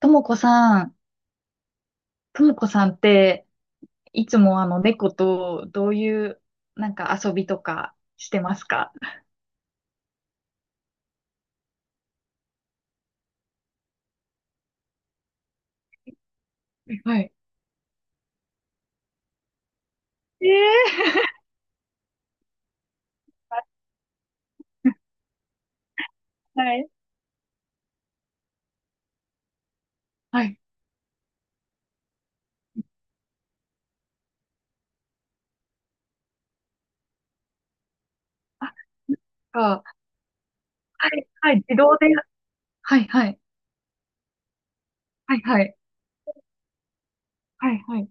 ともこさん、ともこさんって、いつもあの猫とどういうなんか遊びとかしてますか？はい、ええー、はい。はい、あ、か、はい、はい、自動で、はい、はい、はい、はい。はい、はい。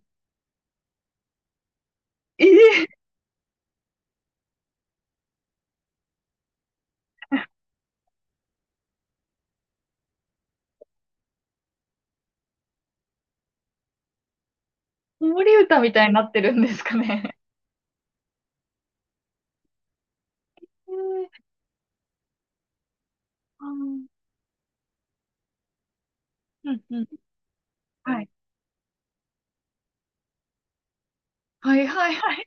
ええー、子守歌みたいになってるんですかね。ええー、あーうん、うん、はい、はい、はい、はい。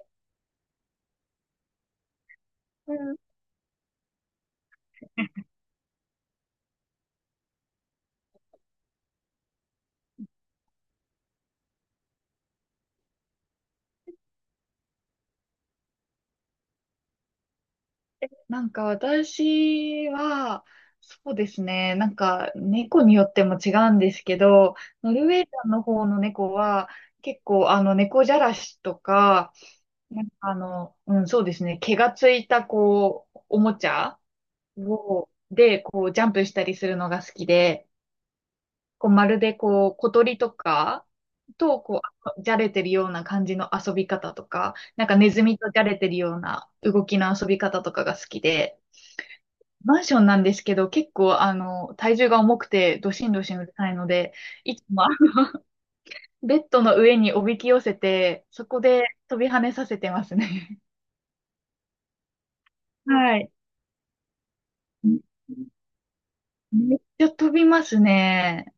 なんか私は、そうですね。なんか猫によっても違うんですけど、ノルウェージャンの方の猫は結構あの猫じゃらしとか、なんかあの、うん、そうですね。毛がついたこう、おもちゃを、で、こうジャンプしたりするのが好きで、こうまるでこう小鳥とかとこうじゃれてるような感じの遊び方とか、なんかネズミとじゃれてるような動きの遊び方とかが好きで、マンションなんですけど、結構、あの、体重が重くて、どしんどしんうるさいので、いつも、ベッドの上におびき寄せて、そこで飛び跳ねさせてますね。はい。めめっちゃ飛びますね。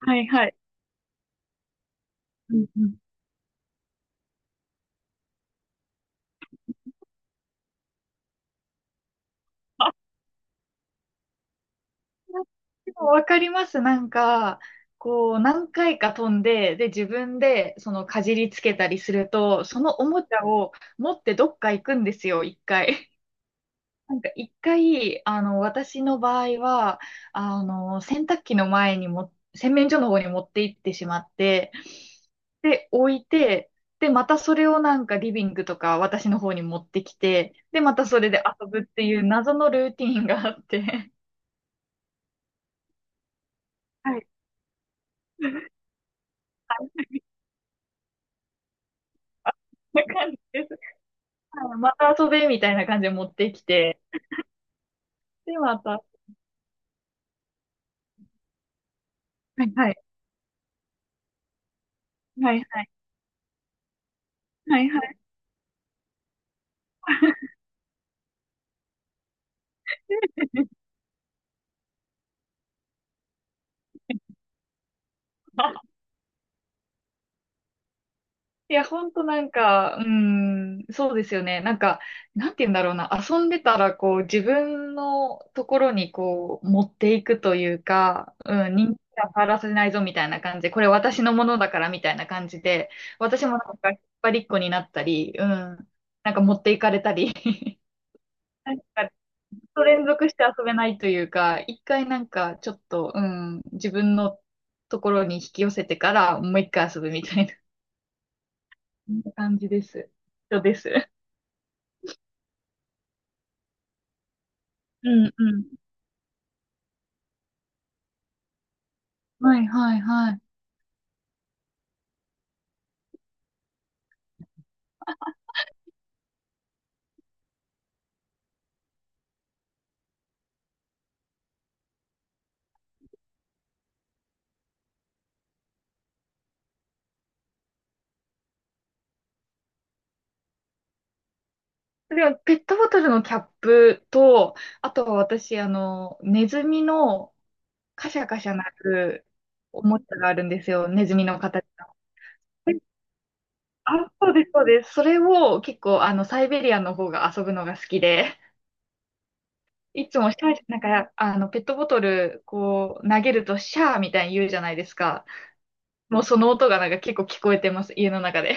はいはい。うんうん。あ、でもわかります。なんか、こう、何回か飛んで、で、自分で、その、かじりつけたりすると、そのおもちゃを持ってどっか行くんですよ、一回。なんか一回、あの、私の場合は、あの、洗濯機の前にも、洗面所の方に持って行ってしまって、で、置いて、で、またそれをなんかリビングとか私の方に持ってきて、で、またそれで遊ぶっていう謎のルーティンがあって、はい。こんな感じです。はいまた遊べみたいな感じで持ってきて、で、また、はいはい、はいはい、はいはい。いや、ほんとなんか、うーん、そうですよね。なんか、なんて言うんだろうな。遊んでたら、こう、自分のところに、こう、持っていくというか、うん、人気は触らせないぞ、みたいな感じで、これ私のものだから、みたいな感じで、私もなんか、引っ張りっこになったり、うん、なんか持っていかれたり、なんか、ずっと連続して遊べないというか、一回なんか、ちょっと、うん、自分のところに引き寄せてから、もう一回遊ぶみたいな。そんな感じです。人です。うんうん。はいはいはい。でも、ペットボトルのキャップと、あとは私、あの、ネズミのカシャカシャ鳴るおもちゃがあるんですよ。ネズミの形の。あ、そうです、そうです。それを結構、あの、サイベリアの方が遊ぶのが好きで、いつもシャー、なんか、あの、ペットボトル、こう、投げるとシャーみたいに言うじゃないですか。もうその音がなんか結構聞こえてます、家の中で。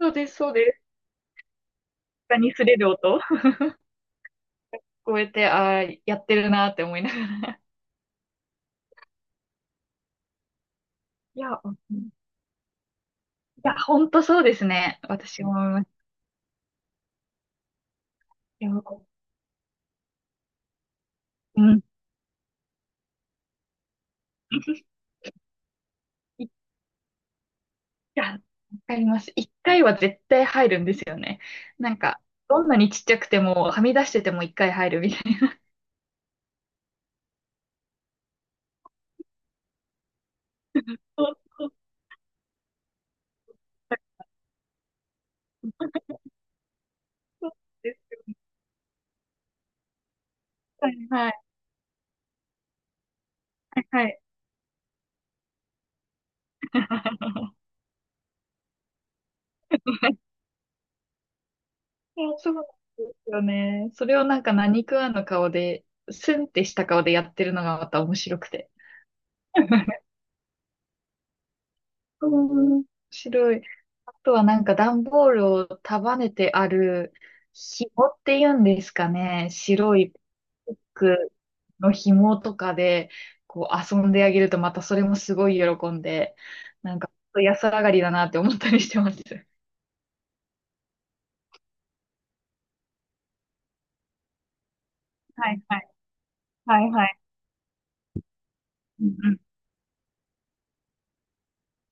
そうです、そうです。下に擦れる音。こうやって、ああ、やってるなって思いながら。いや、うんいや、ほんとそうですね。私も思います。いや、うん。いや、わかります。一回は絶対入るんですよね。なんか、どんなにちっちゃくても、はみ出してても一回入るみたいな。そうそうそう絶対はい、はい。いや、そうなんですよね。それをなんか何食わぬ顔で、スンってした顔でやってるのがまた面白くて。面白い。あとはなんか段ボールを束ねてある紐っていうんですかね。白いピックの紐とかでこう遊んであげるとまたそれもすごい喜んで、なんか安上がりだなって思ったりしてます。はいはい。はいはい。うんうん。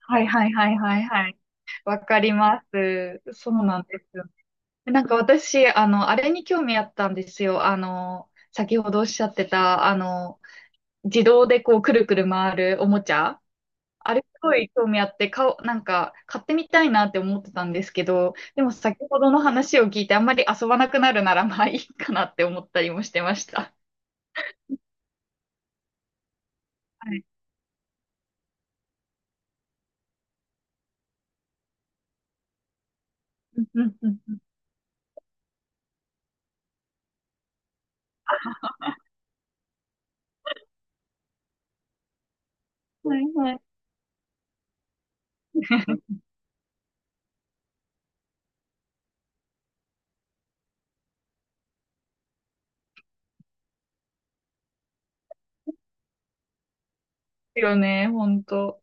はいはいはいはいはい。わかります。そうなんですよ。なんか私、あの、あれに興味あったんですよ。あの、先ほどおっしゃってた、あの、自動でこうくるくる回るおもちゃ。あれすごい興味あって、かおう、なんか買ってみたいなって思ってたんですけど、でも先ほどの話を聞いてあんまり遊ばなくなるならまあいいかなって思ったりもしてました。はい。うんうんうんうんはいはい。ですよね、本当。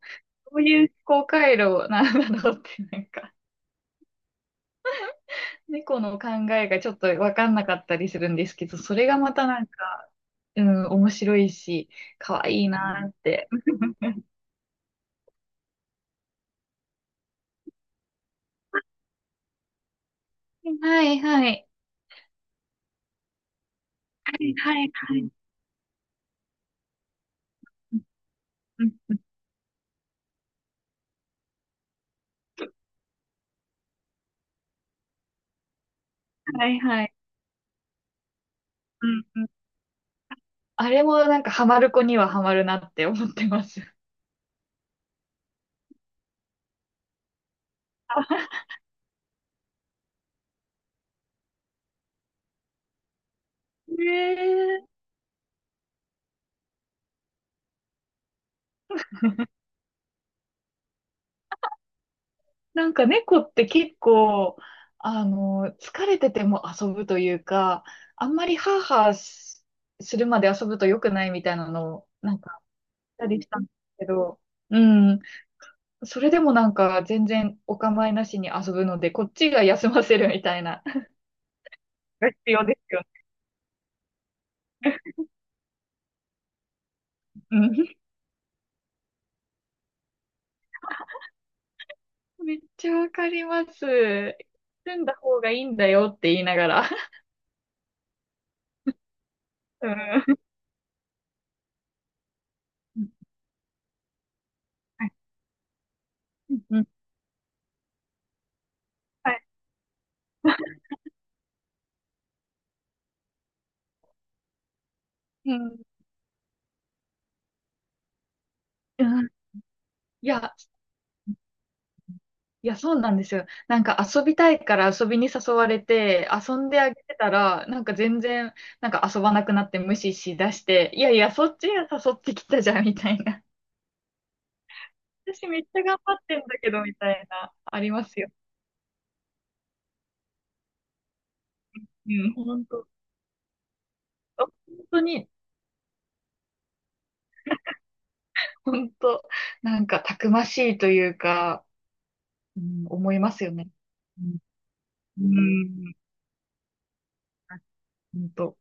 どういう思考回路なんだろうって、なんか、猫の考えがちょっと分かんなかったりするんですけど、それがまたなんか、うん、面白いし、可愛いなーって。はいはい。はいはい。うんうんうんはいはい。うんうん。あれもなんかハマる子にはハマるなって思ってます。ねえ。なんか猫って結構、あの、疲れてても遊ぶというか、あんまりハーハーするまで遊ぶと良くないみたいなのを、なんか、あったりしたんですけど、うん。それでもなんか全然お構いなしに遊ぶので、こっちが休ませるみたいな、が必要ですよね。うん。めっちゃわかります。住んだ方がいいんだよって言いながら。うん。はいうん。はいうんうんいや、いや、そうなんですよ。なんか遊びたいから遊びに誘われて、遊んであげてたら、なんか全然、なんか遊ばなくなって無視しだして、いやいや、そっちが誘ってきたじゃん、みたいな。私めっちゃ頑張ってんだけど、みたいな、ありますよ。うん、本当、本当に、本当、なんかたくましいというか、うん、思いますよね。うん、うん、ほんと。